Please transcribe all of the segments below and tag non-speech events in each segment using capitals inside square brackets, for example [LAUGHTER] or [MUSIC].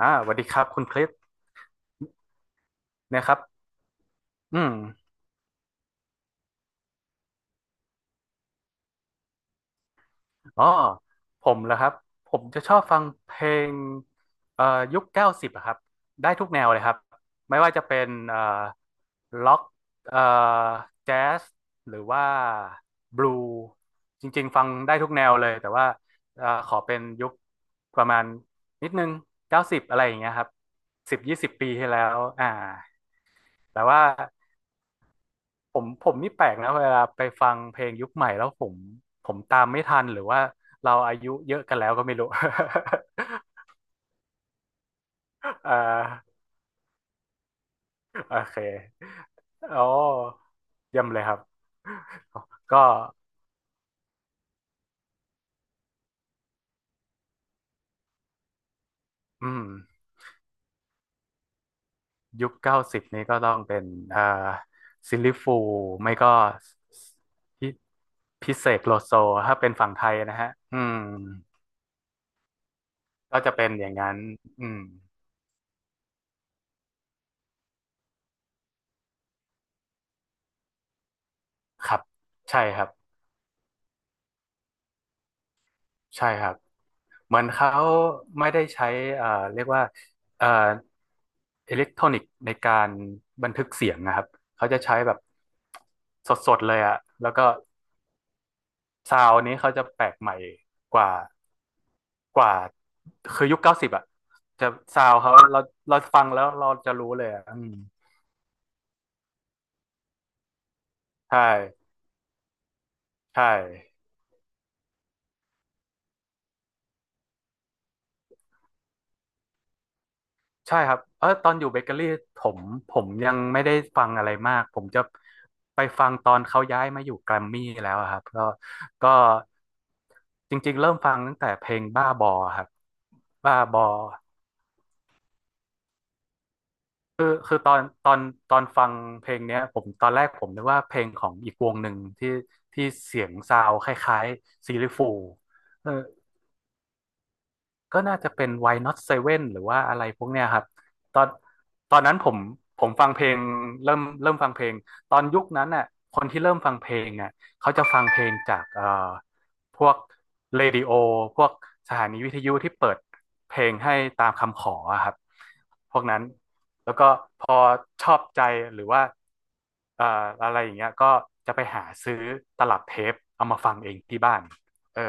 อ่าสวัสดีครับคุณคริสนะครับอืมอ๋อผมเหรอครับผมจะชอบฟังเพลงเอ่อยุคเก้าสิบอะครับได้ทุกแนวเลยครับไม่ว่าจะเป็นล็อกเอ่อแจ๊สหรือว่าบลูจริงๆฟังได้ทุกแนวเลยแต่ว่าขอเป็นยุคประมาณนิดนึงเก้าสิบอะไรอย่างเงี้ยครับสิบยี่สิบปีที่แล้วอ่าแต่ว่า ผมนี่แปลกนะเวลาไปฟังเพลงยุคใหม่แล้วผมตามไม่ทันหรือว่าเราอายุเยอะกันแล้วก็ไม่รู้ [LAUGHS] เอ่อโอเคโอ้เยี่ยมเลยครับก็อืมยุคเก้าสิบนี้ก็ต้องเป็นเอ่อซิลลี่ฟูลส์ไม่ก็พิพิเศษโลโซถ้าเป็นฝั่งไทยนะฮะก็จะเป็นอย่างนั้นอืมครับใช่ครับ ใช่ครับ เหมือนเขาไม่ได้ใช้เรียกว่าเอ่ออิเล็กทรอนิกส์ในการบันทึกเสียงนะครับ เขาจะใช้แบบสดๆเลยอะแล้วก็ซาวนี้เขาจะแปลกใหม่กว่ากว่าคือยุคเก้าสิบอะจะซาวเขาเราฟังแล้วเราจะรู้เลยอะอืมใช่ ใช่ ใช่ครับเออตอนอยู่เบเกอรี่ผมผมยังไม่ได้ฟังอะไรมาก ผมจะไปฟังตอนเขาย้ายมาอยู่แกรมมี่แล้วอะครับก็จริงๆเริ่มฟังตั้งแต่เพลงบ้าบอครับบ้าบอคือตอนฟังเพลงเนี้ยผมตอนแรกผมนึกว่าเพลงของอีกวงหนึ่งที่เสียงซาวด์คล้ายๆซีลิฟู ก็น่าจะเป็น Why Not Seven หรือว่าอะไรพวกเนี้ยครับตอนตอนนั้นผมฟังเพลงเริ่มฟังเพลงตอนยุคนั้นน่ะคนที่เริ่มฟังเพลงอ่ะเขาจะฟังเพลงจากพวกเรดิโอพวกสถานีวิทยุที่เปิดเพลงให้ตามคำขออะครับพวกนั้นแล้วก็พอชอบใจหรือว่าเอ่ออะไรอย่างเงี้ยก็จะไปหาซื้อตลับเทปเอามาฟังเองที่บ้านเออ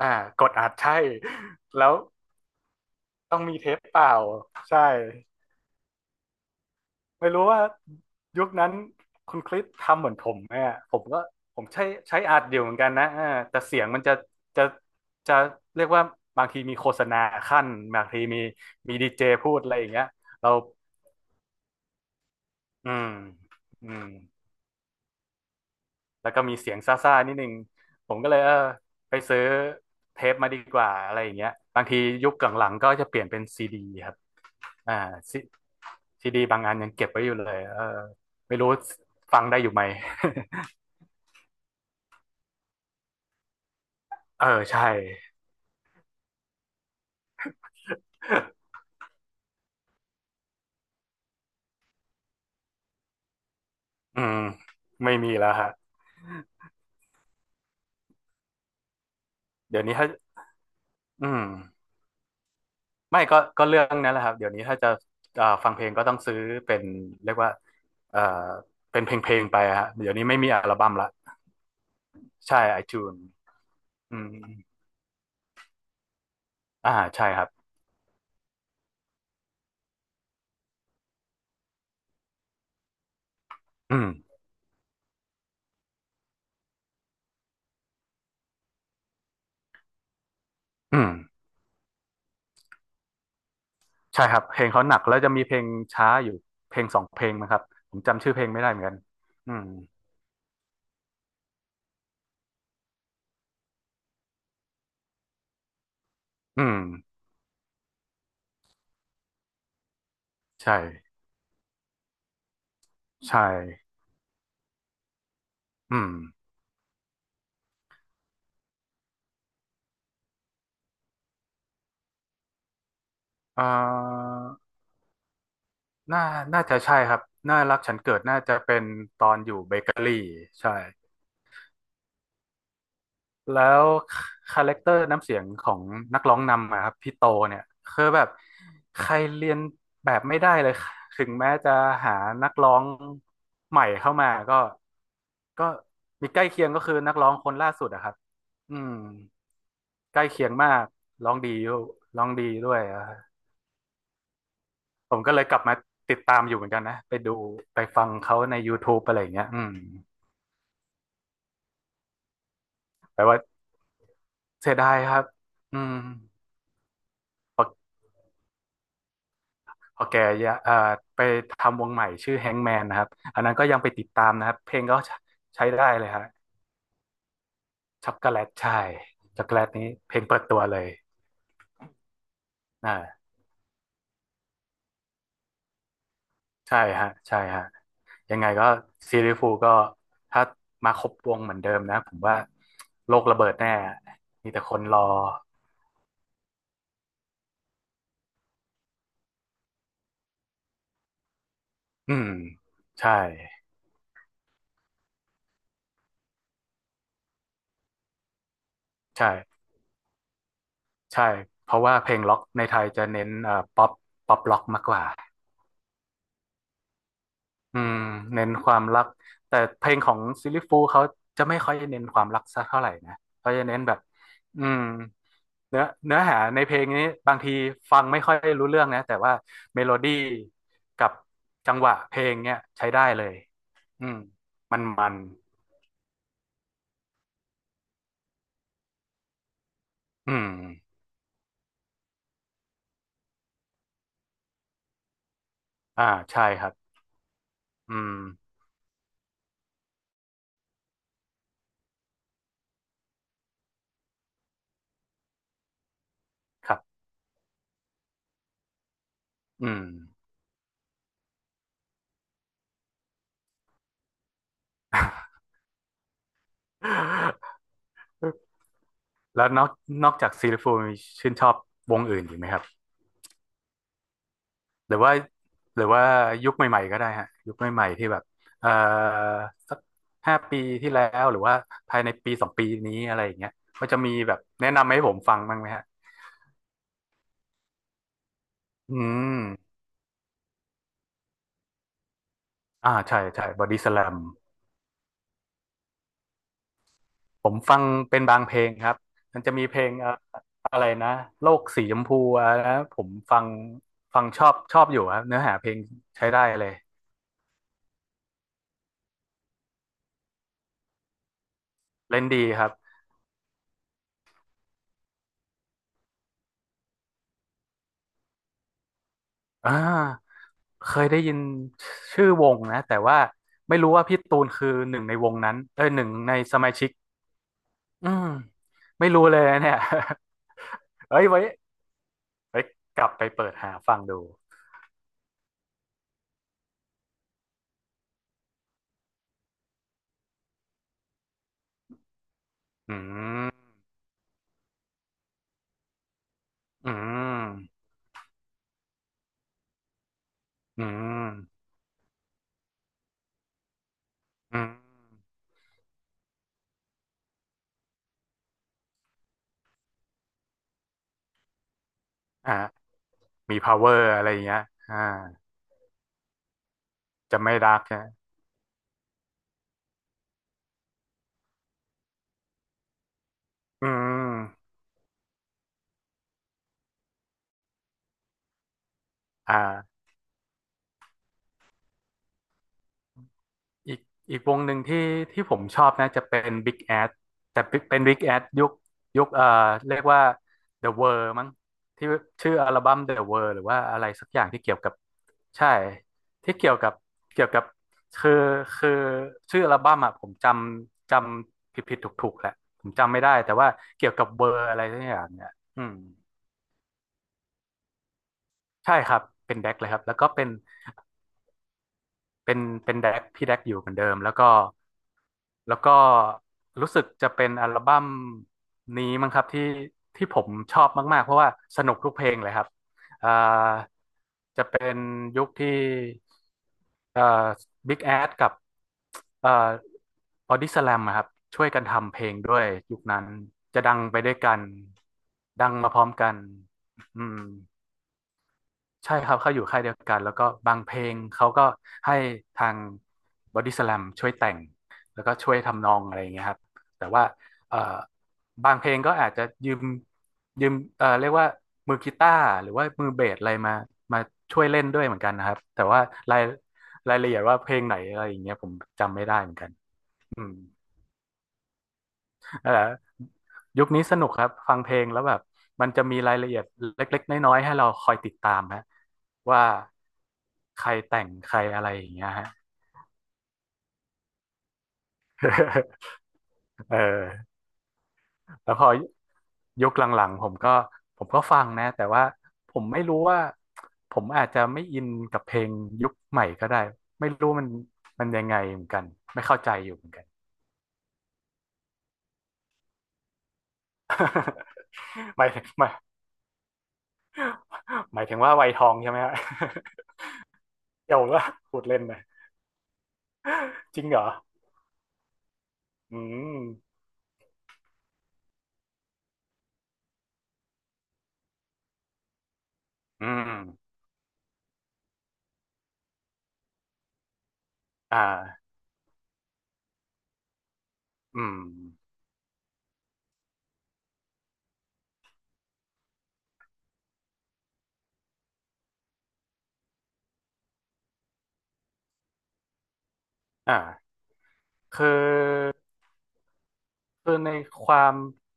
อ่ากดอัดใช่แล้วต้องมีเทปเปล่าใช่ไม่รู้ว่ายุคนั้นคุณคริสทำเหมือนผมไหมอ่ะผมใช้อัดเดียวเหมือนกันนะอ่าแต่เสียงมันจะจะเรียกว่าบางทีมีโฆษณาขั้นบางทีมีดีเจพูดอะไรอย่างเงี้ยเราอืมอืมแล้วก็มีเสียงซ่าๆนิดนึงผมก็เลยเออไปซื้อเทปมาดีกว่าอะไรอย่างเงี้ยบางทียุคหลังๆก็จะเปลี่ยนเป็นซีดีครับอ่าซี ซีดีบางอันยังเก็บไว้อยู่เลยเออไม่รู้ฟังได้อยู่ไหม [LAUGHS] เออใช่อืมไม่มีแล้วฮะเดี๋ยวนี้ถ้าอืมไม่ก็เรื่องนั้นแหละครับเดี๋ยวนี้ถ้าจะฟังเพลงก็ต้องซื้อเป็นเรียกว่าเอ่อเป็นเพลงเพลงไปฮะเดี๋ยวนี้ไม่มีอัลบั้มละใช่ไอจูนอืมอ่าใช่ครับอืมอืมใช่ครับเพลงเขาหนักแล้วจะมีเพลงช้าอยู่เพลงสองเพลงมั้งครับผมจำชื่อเพลงไม่ได้เหมือนกันอืมอืมใช่ใช่ อืมอ่าน่าน่าจะใช่ครับน่ารักฉันเกิดน่าจะเป็นตอนอยู่เบเกอรี่ใช่แล้วคาแรคเตอร์น้ำเสียงของนักร้องนำอะครับพี่โตเนี่ยคือแบบใครเรียนแบบไม่ได้เลยถึงแม้จะหานักร้องใหม่เข้ามาก็มีใกล้เคียงก็คือนักร้องคนล่าสุดอะครับอืมใกล้เคียงมากร้องดีร้องดีด้วยอะ ผมก็เลยกลับมาติดตามอยู่เหมือนกันนะไปดูไปฟังเขาใน YouTube อะไรอย่างเงี้ยอืมแปลว่าเสียดายครับอืมพอพอแกอย่าไปทำวงใหม่ชื่อแฮงแมนนะครับอันนั้นก็ยังไปติดตามนะครับเพลงก็ใช้ได้เลยฮะช็อกโกแลตใช่ช็อกโกแลตนี้เพลงเปิดตัวเลยอ่าใช่ฮะใช่ฮะยังไงก็ซีรีส์ฟูลก็ถ้ามาครบวงเหมือนเดิมนะผมว่าโลกระเบิดแน่มีแต่คนรออืมใช่ใช่ ใช่ เพราะว่าเพลงล็อกในไทยจะเน้นป๊อปป๊อปล็อกมากกว่าอืมเน้นความรักแต่เพลงของซิลลี่ฟูลเขาจะไม่ค่อยเน้นความรักสักเท่าไหร่นะเขาจะเน้นแบบอืมเนื้อหาในเพลงนี้บางทีฟังไม่ค่อยรู้เรื่องนะแต่ว่าเมโลดี้กับจังหวะเพลงเนี่ยใช้ได้เลยอืมมันอืมอ่าใช่ครับ อืมครับอืม [LAUGHS] แล้วนอกจากซีรีฟูลมีชื่นชอบวงอื่นอีกไหมครับหรือว่าหรือว่ายุคใหม่ๆก็ได้ฮะยุคใหม่ๆที่แบบเอ่อสัก5 ปีที่แล้วหรือว่าภายใน1-2 ปีนี้อะไรอย่างเงี้ยก็จะมีแบบแนะนำให้ผมฟังบ้างไหมฮะอืมอ่าใช่ใช่บอดี้สแลมผมฟังเป็นบางเพลงครับมันจะมีเพลงอะไรนะโลกสีชมพูอ่ะนะผมฟังชอบชอบอยู่ครับเนื้อหาเพลงใช้ได้เลยเล่นดีครับ อ่าเคยได้ยินชื่อวงนะแต่ว่าไม่รู้ว่าพี่ตูนคือหนึ่งในวงนั้นเอ้ยหนึ่งในสมาชิกอืมไม่รู้เลยนะเนี่ย [LAUGHS] เอ้ยไว้กลับไปเปิดหาฟังดูอืมอืมอืมอืมอ่ามี power อะไรอย่างเงี้ยอ่าจะไม่รักนะอืมอ่า อีกอีกวงหนึ่งที่ผมชอบนะจะเป็น Big Ass แต่เป็น Big Ass ยุคเรียกว่า The World มั้งที่ชื่ออัลบั้ม The World หรือว่าอะไรสักอย่างที่เกี่ยวกับใช่ที่เกี่ยวกับเกี่ยวกับคือคือชื่ออัลบั้มอ่ะผมจำผิดผิดถูกถูกๆแหละผมจำไม่ได้แต่ว่าเกี่ยวกับเบอร์อะไรสักอย่างเนี่ยอืมใช่ครับเป็นแดกเลยครับแล้วก็เป็นเป็นแดกพี่แดกอยู่เหมือนเดิมแล้วก็รู้สึกจะเป็นอัลบั้มนี้มั้งครับที่ที่ผมชอบมากๆเพราะว่าสนุกทุกเพลงเลยครับอ่าจะเป็นยุคที่เอ่อบิ๊กแอดกับเอ่อบอดี้สแลมครับช่วยกันทำเพลงด้วยยุคนั้นจะดังไปด้วยกันดังมาพร้อมกันอืม ใช่ครับเขาอยู่ค่ายเดียวกันแล้วก็บางเพลงเขาก็ให้ทางบอดี้ส a ลมช่วยแต่งแล้วก็ช่วยทำนองอะไรอย่างเงี้ยครับแต่ว่าเอ่อบางเพลงก็อาจจะยืมเรียกว่ามือกีตาร์หรือว่ามือเบสอะไรมาช่วยเล่นด้วยเหมือนกันนะครับแต่ว่ารายรายละเอียดว่าเพลงไหนอะไรอย่างเงี้ยผมจำไม่ได้เหมือนกันอืม เออยุคนี้สนุกครับฟังเพลงแล้วแบบมันจะมีรายละเอียดเล็กๆน้อยๆให้เราคอยติดตามฮะว่าใครแต่งใครอะไรอย่างเงี้ยฮะ [LAUGHS] เออแล้วพอยุคหลังๆผมก็ฟังนะแต่ว่าผมไม่รู้ว่าผมอาจจะไม่อินกับเพลงยุคใหม่ก็ได้ไม่รู้มันยังไงเหมือนกันไม่เข้าใจอยู่เหมือนกัน [LAUGHS] หมายถึงหมายหมายถึงว่าวัยทองใช่ไหมฮะ [LAUGHS] เดี่ยวว่าพูดเล่นนะจริงเหรอ อืมอืมอ่าอืมอ่าคือคือในความ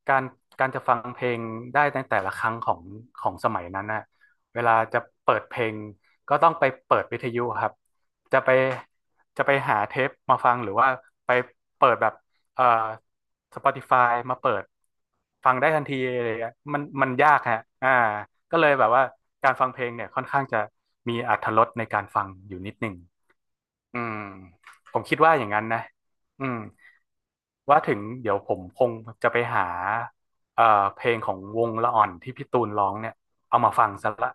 การการจะฟังเพลงได้ในแต่ละครั้งของสมัยนั้นน่ะเวลาจะเปิดเพลงก็ต้องไปเปิดวิทยุครับ จะไปจะไปหาเทปมาฟังหรือว่าไปเปิดแบบเอ่อ Spotify มาเปิดฟังได้ทันทีอะไรอย่างเงี้ยมันยากฮะอ่าก็เลยแบบว่าการฟังเพลงเนี่ยค่อนข้างจะมีอรรถรสในการฟังอยู่นิดหนึ่ง อืมผมคิดว่าอย่างนั้นนะอืมว่าถึงเดี๋ยวผมคงจะไปหาเอ่อเพลงของวงละอ่อนที่พี่ตูนร้องเนี่ยเอามาฟังซะละ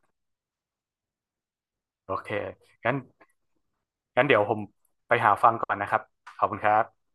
โอเคงั้นงั้นเดี๋ยวผมไปหาฟังก่อนนะครับขอบคุณครับ